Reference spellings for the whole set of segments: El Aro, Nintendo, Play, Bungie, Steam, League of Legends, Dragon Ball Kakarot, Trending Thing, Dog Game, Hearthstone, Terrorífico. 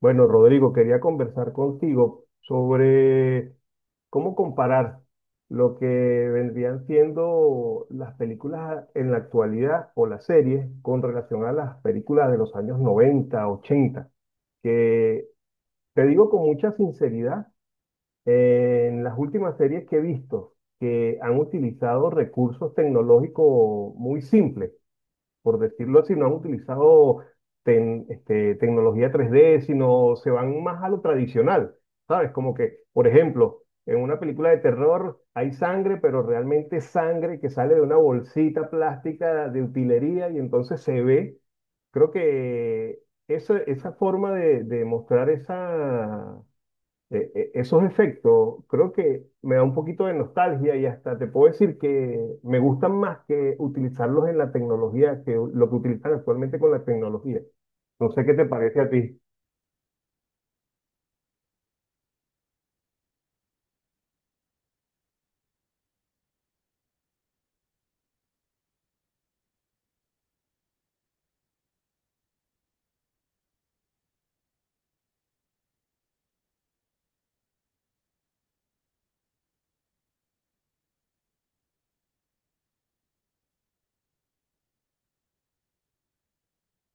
Bueno, Rodrigo, quería conversar contigo sobre cómo comparar lo que vendrían siendo las películas en la actualidad o las series con relación a las películas de los años 90, ochenta, que te digo con mucha sinceridad, en las últimas series que he visto que han utilizado recursos tecnológicos muy simples, por decirlo así, no han utilizado tecnología 3D, sino se van más a lo tradicional, ¿sabes? Como que, por ejemplo, en una película de terror hay sangre, pero realmente sangre que sale de una bolsita plástica de utilería y entonces se ve. Creo que esa forma de mostrar esa, esos efectos creo que me da un poquito de nostalgia y hasta te puedo decir que me gustan más que utilizarlos en la tecnología que lo que utilizan actualmente con la tecnología. No sé qué te parece a ti.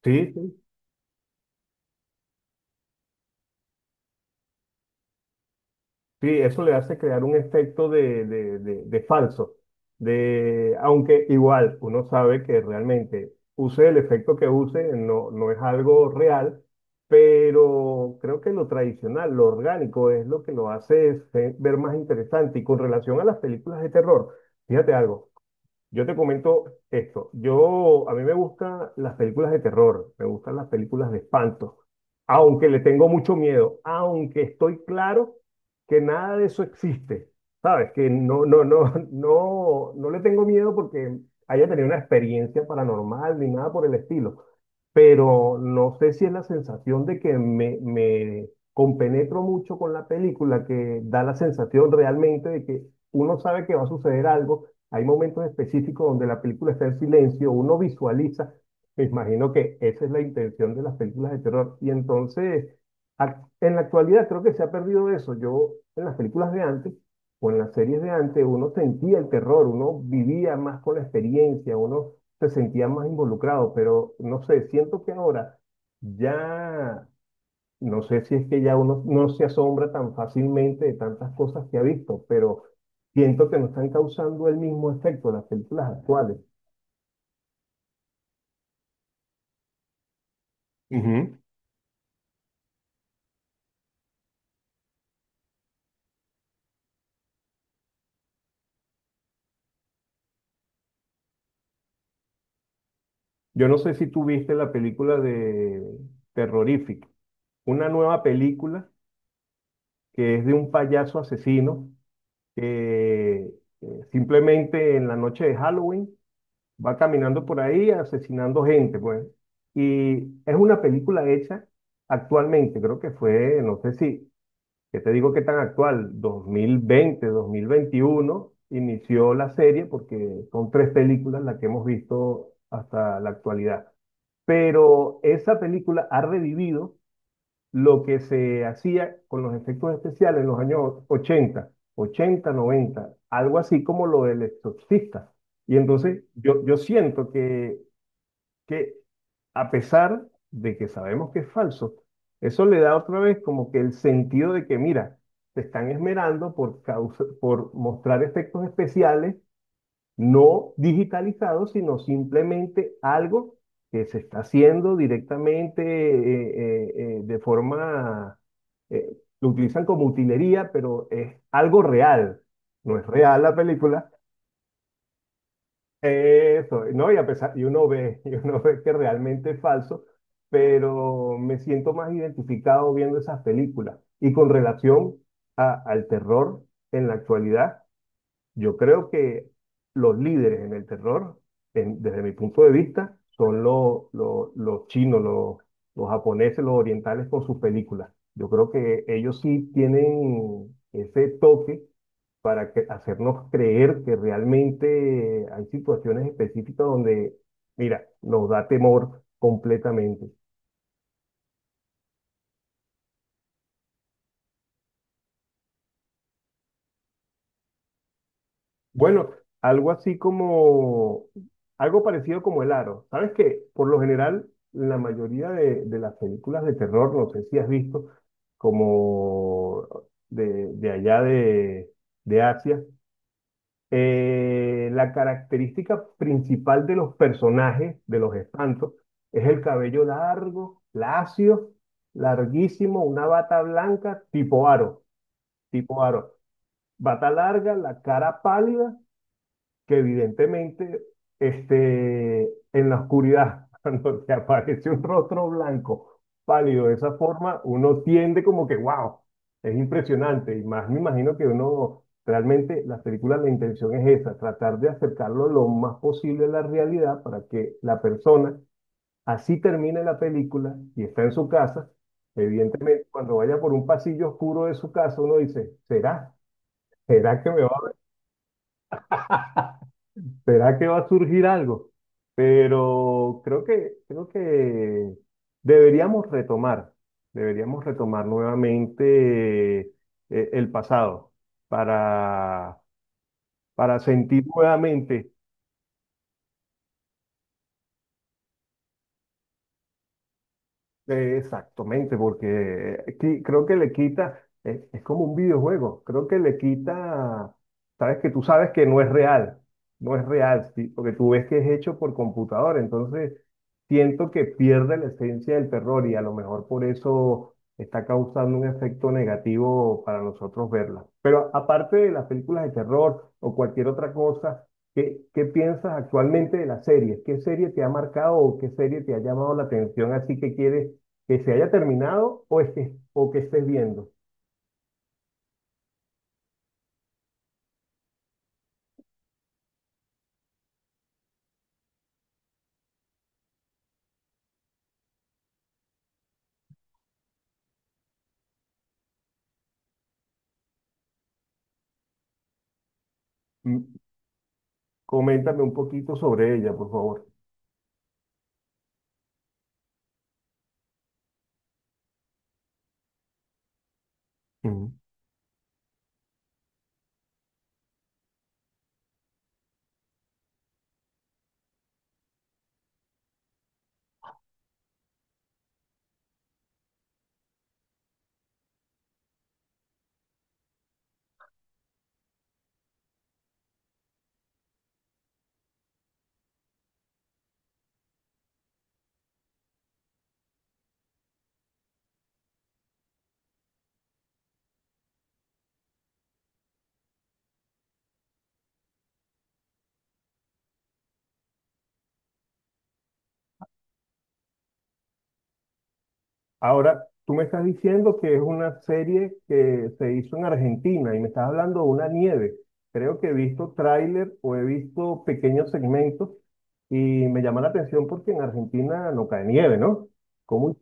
Sí, sí. Sí, eso le hace crear un efecto de, de falso, de, aunque igual uno sabe que realmente use el efecto que use, no es algo real, pero creo que lo tradicional, lo orgánico es lo que lo hace ver más interesante. Y con relación a las películas de terror, fíjate algo, yo te comento esto. A mí me gustan las películas de terror, me gustan las películas de espanto, aunque le tengo mucho miedo, aunque estoy claro que nada de eso existe, ¿sabes? Que no, no le tengo miedo porque haya tenido una experiencia paranormal ni nada por el estilo, pero no sé si es la sensación de que me compenetro mucho con la película, que da la sensación realmente de que uno sabe que va a suceder algo. Hay momentos específicos donde la película está en silencio, uno visualiza. Me imagino que esa es la intención de las películas de terror. Y entonces, en la actualidad creo que se ha perdido eso. Yo, en las películas de antes, o en las series de antes, uno sentía el terror, uno vivía más con la experiencia, uno se sentía más involucrado, pero no sé, siento que ahora ya, no sé si es que ya uno no se asombra tan fácilmente de tantas cosas que ha visto, pero siento que no están causando el mismo efecto las películas actuales. Ujú. Yo no sé si tú viste la película de Terrorífico, una nueva película que es de un payaso asesino que simplemente en la noche de Halloween va caminando por ahí asesinando gente, pues. Y es una película hecha actualmente, creo que fue, no sé si, que te digo que tan actual, 2020, 2021, inició la serie porque son tres películas las que hemos visto hasta la actualidad. Pero esa película ha revivido lo que se hacía con los efectos especiales en los años 80, 80, 90, algo así como lo del exorcista. Y entonces yo siento que a pesar de que sabemos que es falso, eso le da otra vez como que el sentido de que, mira, te están esmerando por por mostrar efectos especiales no digitalizado, sino simplemente algo que se está haciendo directamente de forma, lo utilizan como utilería, pero es algo real, no es real la película, eso, ¿no? Y a pesar, y uno ve, y uno ve que realmente es falso, pero me siento más identificado viendo esas películas. Y con relación al terror en la actualidad, yo creo que los líderes en el terror, desde mi punto de vista, son los chinos, los japoneses, los orientales con sus películas. Yo creo que ellos sí tienen ese toque para hacernos creer que realmente hay situaciones específicas donde, mira, nos da temor completamente. Bueno, algo así como, algo parecido como El Aro. ¿Sabes qué? Por lo general, la mayoría de las películas de terror, no sé si has visto, como de allá de Asia, la característica principal de los personajes, de los espantos, es el cabello largo, lacio, larguísimo, una bata blanca, tipo aro, tipo aro. Bata larga, la cara pálida que evidentemente este, en la oscuridad, cuando te aparece un rostro blanco, pálido de esa forma, uno tiende como que, wow, es impresionante. Y más me imagino que uno, realmente las películas, la intención es esa, tratar de acercarlo lo más posible a la realidad para que la persona, así termine la película y está en su casa, evidentemente cuando vaya por un pasillo oscuro de su casa, uno dice, ¿será? ¿Será que me va ¿Será que va a surgir algo? Pero creo que deberíamos retomar, deberíamos retomar nuevamente el pasado para, para sentir nuevamente. Exactamente, porque creo que le quita, es como un videojuego, creo que le quita, sabes que tú sabes que no es real, no es real, sí, porque tú ves que es hecho por computador, entonces siento que pierde la esencia del terror y a lo mejor por eso está causando un efecto negativo para nosotros verla. Pero aparte de las películas de terror o cualquier otra cosa, qué piensas actualmente de las series? ¿Qué serie te ha marcado o qué serie te ha llamado la atención así que quieres? Que se haya terminado o, es que, o que estés viendo. Mm, coméntame un poquito sobre ella, por favor. Ujú. Ahora, tú me estás diciendo que es una serie que se hizo en Argentina y me estás hablando de una nieve. Creo que he visto tráiler o he visto pequeños segmentos y me llama la atención porque en Argentina no cae nieve, ¿no? ¿Cómo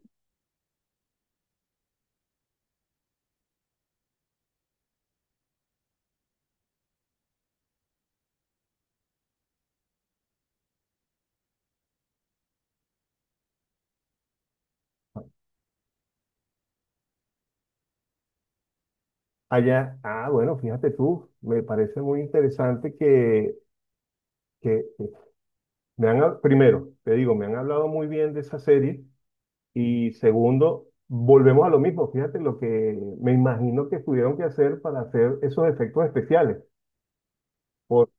allá? Ah, bueno, fíjate tú, me parece muy interesante que me han, primero, te digo, me han hablado muy bien de esa serie. Y segundo, volvemos a lo mismo. Fíjate lo que me imagino que tuvieron que hacer para hacer esos efectos especiales. Por,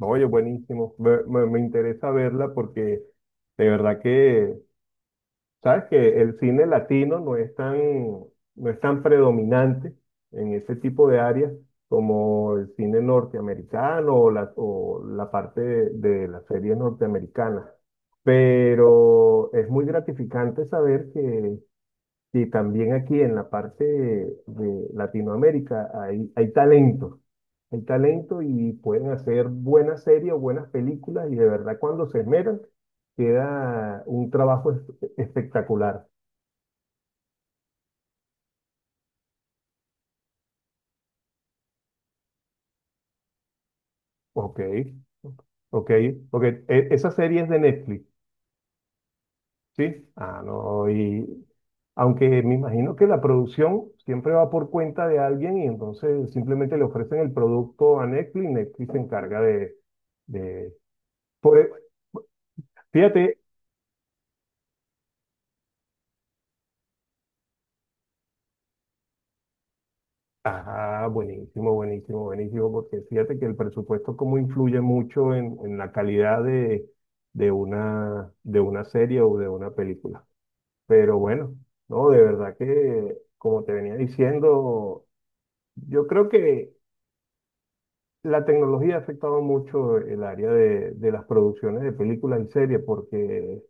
oye, buenísimo. Me interesa verla porque de verdad que, sabes que el cine latino no es tan, no es tan predominante en ese tipo de áreas como el cine norteamericano o la parte de las series norteamericanas. Pero es muy gratificante saber que y también aquí en la parte de Latinoamérica hay, hay talento y pueden hacer buenas series o buenas películas y de verdad cuando se esmeran queda un trabajo espectacular. Ok, ok, ok. Esa serie es de Netflix, ¿sí? Ah, no, y aunque me imagino que la producción siempre va por cuenta de alguien y entonces simplemente le ofrecen el producto a Netflix, Netflix se encarga de por, e- fíjate, ah, buenísimo, buenísimo, buenísimo, porque fíjate que el presupuesto como influye mucho en la calidad de una serie o de una película. Pero bueno, no, de verdad que, como te venía diciendo, yo creo que la tecnología ha afectado mucho el área de las producciones de películas y series, porque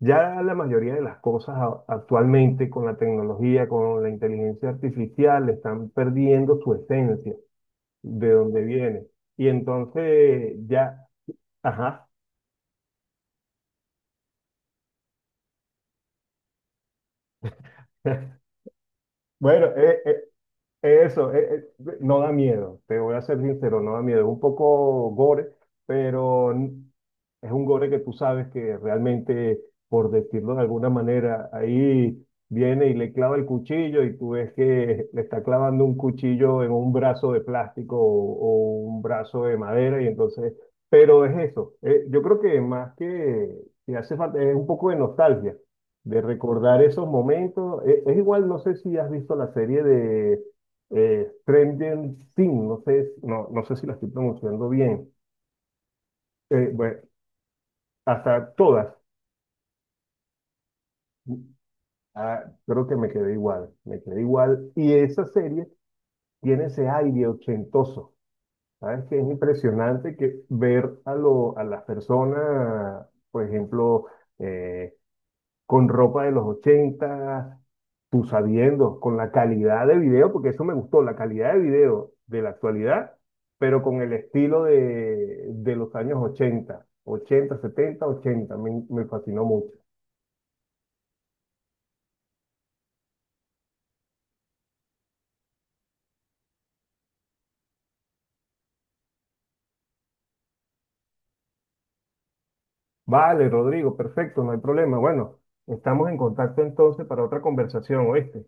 ya la mayoría de las cosas actualmente con la tecnología, con la inteligencia artificial, están perdiendo su esencia. De dónde viene. Y entonces ya, ajá. Bueno, eso, no da miedo, te voy a ser sincero, no da miedo. Es un poco gore, pero es un gore que tú sabes que realmente, por decirlo de alguna manera, ahí viene y le clava el cuchillo y tú ves que le está clavando un cuchillo en un brazo de plástico o un brazo de madera y entonces, pero es eso. Yo creo que más que hace falta, es un poco de nostalgia, de recordar esos momentos. Es igual, no sé si has visto la serie de Trending Thing, no sé, no sé si la estoy pronunciando bien. Bueno, hasta todas, ah, creo que me quedé igual, me quedé igual. Y esa serie tiene ese aire ochentoso, ¿sabes? Que es impresionante que ver a, lo, a las personas, por ejemplo, eh, con ropa de los 80, tú sabiendo, con la calidad de video, porque eso me gustó, la calidad de video de la actualidad, pero con el estilo de los años 80, 80, 70, 80, me fascinó mucho. Vale, Rodrigo, perfecto, no hay problema. Bueno, estamos en contacto entonces para otra conversación, ¿oíste?